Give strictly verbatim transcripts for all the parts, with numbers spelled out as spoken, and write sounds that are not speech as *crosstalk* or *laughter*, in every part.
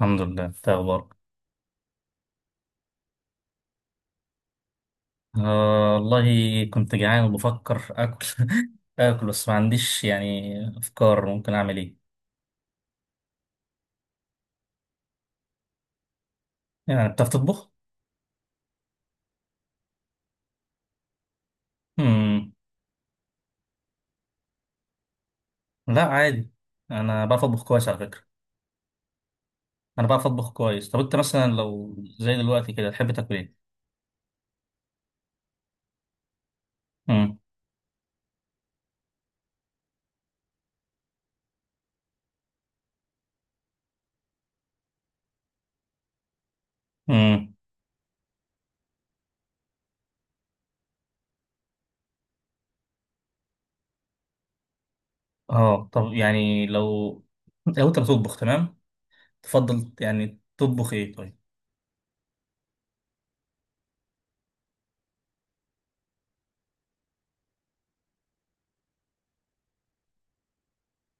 الحمد لله، انت إيه اخبارك؟ آه والله. كنت جعان وبفكر اكل. *laughs* اكل بس ما عنديش يعني افكار ممكن اعمل ايه. يعني بتعرف تطبخ؟ امم. لا، عادي. انا بعرف اطبخ كويس على فكره. انا بعرف اطبخ كويس. طب انت مثلا لو زي دلوقتي كده تحب تاكل ايه؟ امم. امم. اه، طب يعني لو لو انت بتطبخ تمام، تفضل يعني تطبخ ايه طيب؟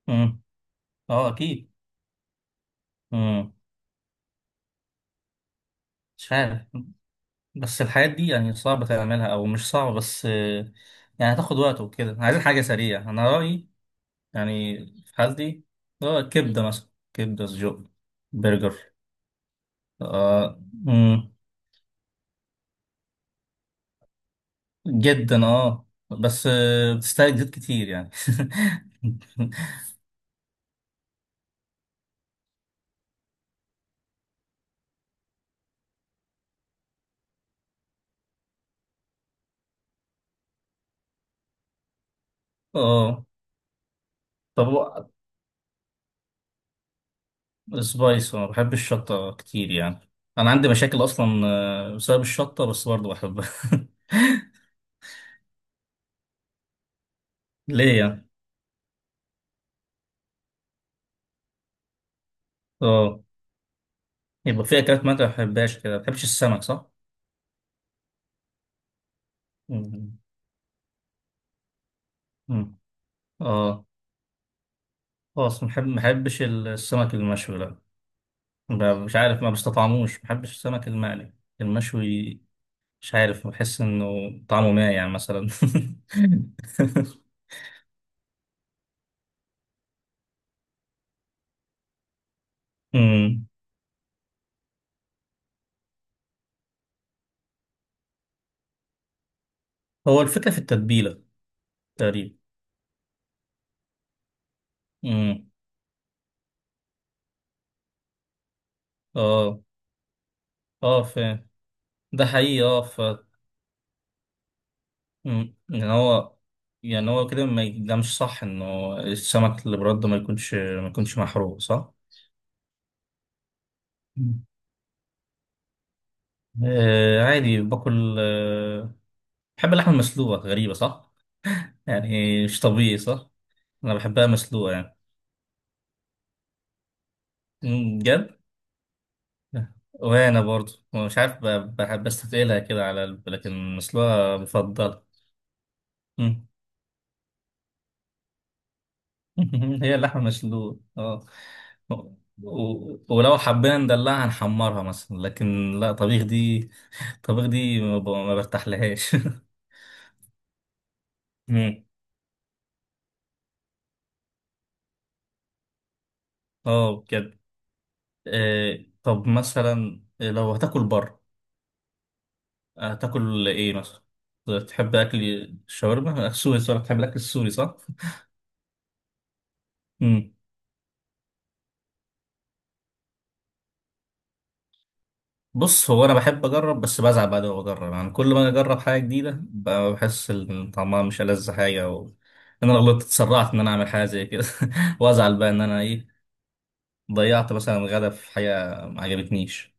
امم. اه، اكيد. امم. مش عارف. بس الحاجات دي يعني صعب تعملها او مش صعب، بس آه، يعني هتاخد وقت وكده، عايزين حاجه سريعه، انا رايي. يعني في حالتي، آه، كبده مثلا، كبده سجق، برجر. آه مم، جدا اه، بس آه، بتستهلك زيت كتير يعني. *laughs* اه، طب هو سبايس، انا بحب الشطه كتير يعني. انا عندي مشاكل اصلا آه، بسبب الشطه، بس برضه بحبها. *laughs* ليه يعني؟ اه، يبقى في اكلات ما أنت ما بتحبهاش كده. ما بتحبش السمك صح؟ مم. مم. اه، خلاص. ما بحب- ما بحبش السمك المشوي، لا. ب- مش عارف، ما بستطعموش، ما بحبش السمك المقلي، المشوي. مش عارف، بحس انه طعمه مايع مثلا. *laughs* مم. هو الفكرة في التتبيلة. تقريبا. مم. اه، اه، فاهم. ده حقيقي، اه ف مم. يعني هو يعني هو كده، ما ي- ده مش صح انه السمك اللي برده ما يكونش ما يكونش محروق، صح؟ مم. آه، عادي باكل آه بحب اللحمة المسلوقة، غريبة صح؟ يعني مش طبيعي صح؟ أنا بحبها مسلوقة يعني. أمم، بجد؟ وأنا برضو مش عارف، ب- بحب، بستثقلها كده على الب- لكن مسلوقة مفضلة. أمم. *laughs* هي اللحمة المسلوقة، اه. و- ولو حبينا ندلعها نحمرها مثلا، لكن لا، طبيخ دي، طبيخ دي ما ب- ما برتاحلهاش. *laughs* أمم. اه، بجد. آه، طب مثلا لو هتاكل بره، هتاكل ايه مثلا؟ تحب اكل الشاورما السوري صح؟ تحب الاكل السوري صح؟ امم. بص، هو انا بحب اجرب بس بزعل بعد ما بجرب. يعني كل ما اجرب حاجه جديده ب- بحس ان طعمها مش ألذ حاجه و... انا لو غلطت، اتسرعت ان انا اعمل حاجه زي كده. *laughs* وازعل بقى ان انا ايه، ضيعت مثلا غدا في حاجه ما عجبتنيش.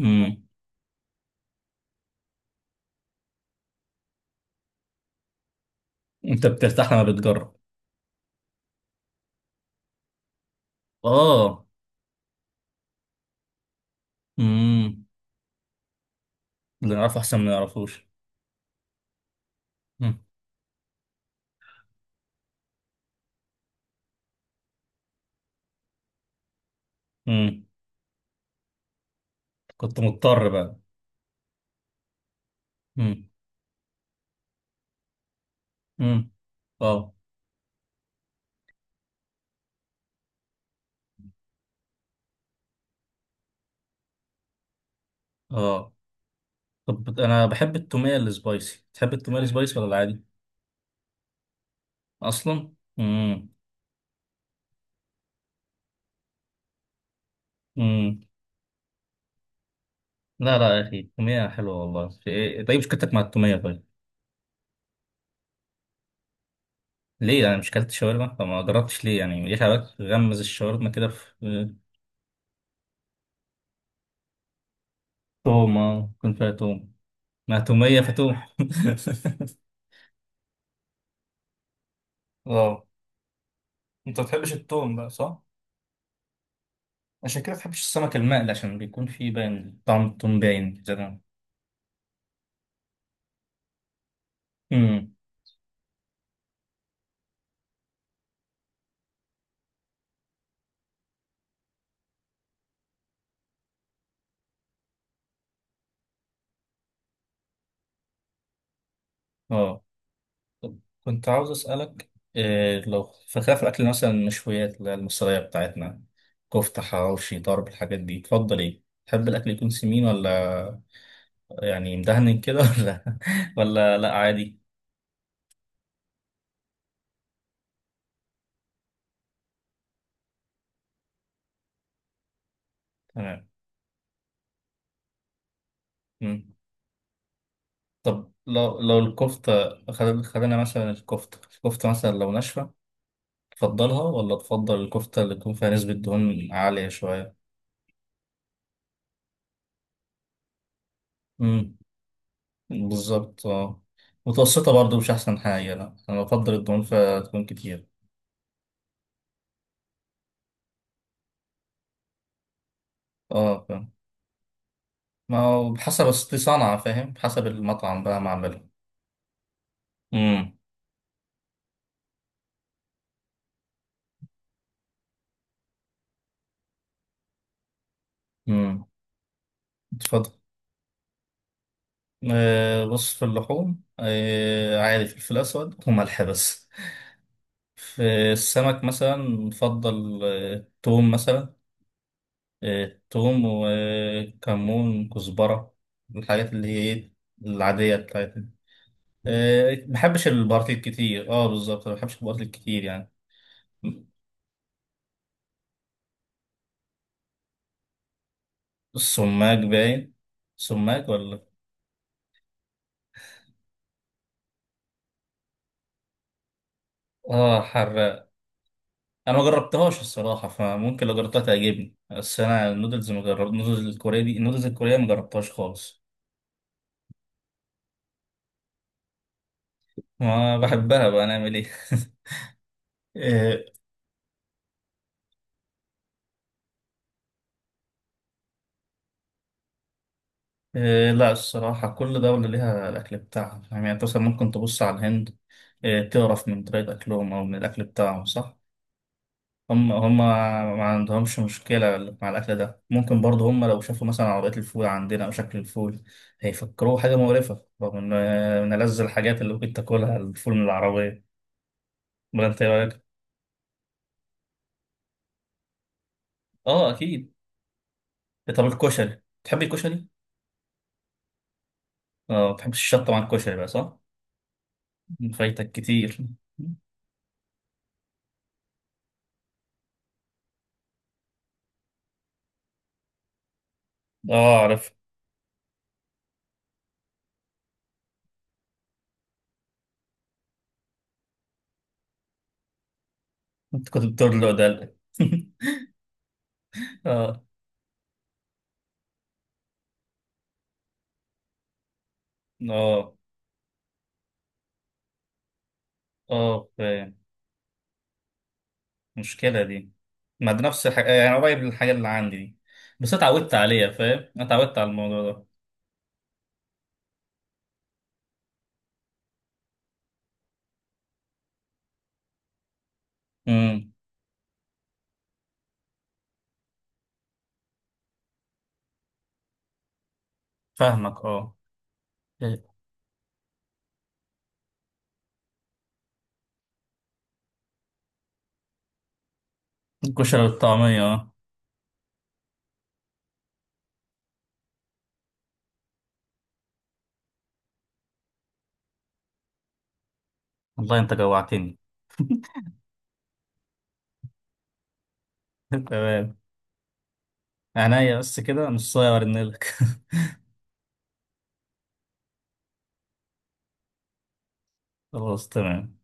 امم. انت بترتاح لما بتجرب؟ اه. امم. اللي نعرفه احسن من اللي نعرفوش. امم. كنت مضطر بقى. امم. امم. اه، اه. طب انا بحب التوميه السبايسي، تحب التوميه؟ أنا السبايسي ولا العادي؟ اصلا. امم. امم. لا، لا يا اخي، التوميه حلوه والله، في إيه؟ طيب، مشكلتك مع التوميه؟ طيب، ليه؟ انا مش كلت شاورما فما جربتش؟ ليه يعني؟ ليه حضرتك تغمز الشاورما كده في؟ توم، اه، يكون فيها توم. مع توميه فتوم. *laughs* واو. انت ما بتحبش التوم بقى صح؟ عشان كده ما بتحبش السمك المقلي، عشان بيكون فيه باين طعم التوم، باين كده. امم. اه، طب كنت عاوز أسألك إيه، لو في خلاف الأكل مثلا، المشويات اللي هي المصرية بتاعتنا، كفتة، حواوشي، ضرب، الحاجات دي تفضل إيه؟ تحب الأكل يكون سمين، ولا يعني مدهن كده، *laughs* ولا، ولا لأ، عادي؟ تمام. مم. طب، لو لو الكفتة خد- خدنا مثلا الكفتة الكفتة مثلا لو ناشفة، تفضلها ولا تفضل الكفتة اللي تكون فيها نسبة دهون عالية شوية؟ مم. بالظبط، اه. متوسطة برضو مش أحسن حاجة، لأ، أنا بفضل الدهون فتكون كتير. اه، فاهم. ما هو بحسب، أصل دي صنعة، فاهم، بحسب المطعم بقى معمله. امم. امم. اتفضل. آه، بص، في اللحوم آه عادي، فلفل أسود وملح بس. في السمك مثلا نفضل آه توم مثلا. آه توم وكمون، كزبرة. الحاجات اللي هي إيه، العادية بتاعتنا. آه بحبش البارتيل كتير، اه بالظبط، ما بحبش البارتيل كتير يعني. السماق باين. سماق ولا؟ اه، حراق. انا ما جربتهاش الصراحه، فممكن لو جربتها تعجبني، بس انا النودلز، ما جربت النودلز الكوريه دي، النودلز الكوريه ما جربتهاش خالص. ما بحبها بقى، نعمل ايه؟ *laughs* آه، آه، لا، الصراحه كل دوله ليها الاكل بتاعها. يعني انت مثلا ممكن تبص على الهند، آه، تعرف من طريقه اكلهم او من الاكل بتاعهم، صح؟ هم هم ما عندهمش مشكله مع الاكل ده. ممكن برضه هم لو شافوا مثلا عربيات الفول عندنا او شكل الفول، هيفكروه حاجه مقرفه، رغم ان آه، من ألذ الحاجات اللي ممكن تاكلها الفول من العربيه. ما انت رايك؟ اه، اكيد. إيه، طب الكشري، تحبي الكشري؟ اه، ما بتحبش الشطه مع الكشري بقى صح؟ فايتك كتير. اه، اعرف. انت كنت بتقول ده. *laughs* اه، اه، اه، فاهم. المشكله دي، ما ده نفس الحاجه، يعني قريب للحاجه اللي عندي دي. بس أنا اتعودت عليها، فاهم، انا اتعودت على الموضوع ده. امم. فاهمك، اه. الكشري والطعميه، اه. والله انت جوعتني! *laughs* تمام. عينيا، بس كده نص ساعه وارنلك. *laughs* خلاص، تمام.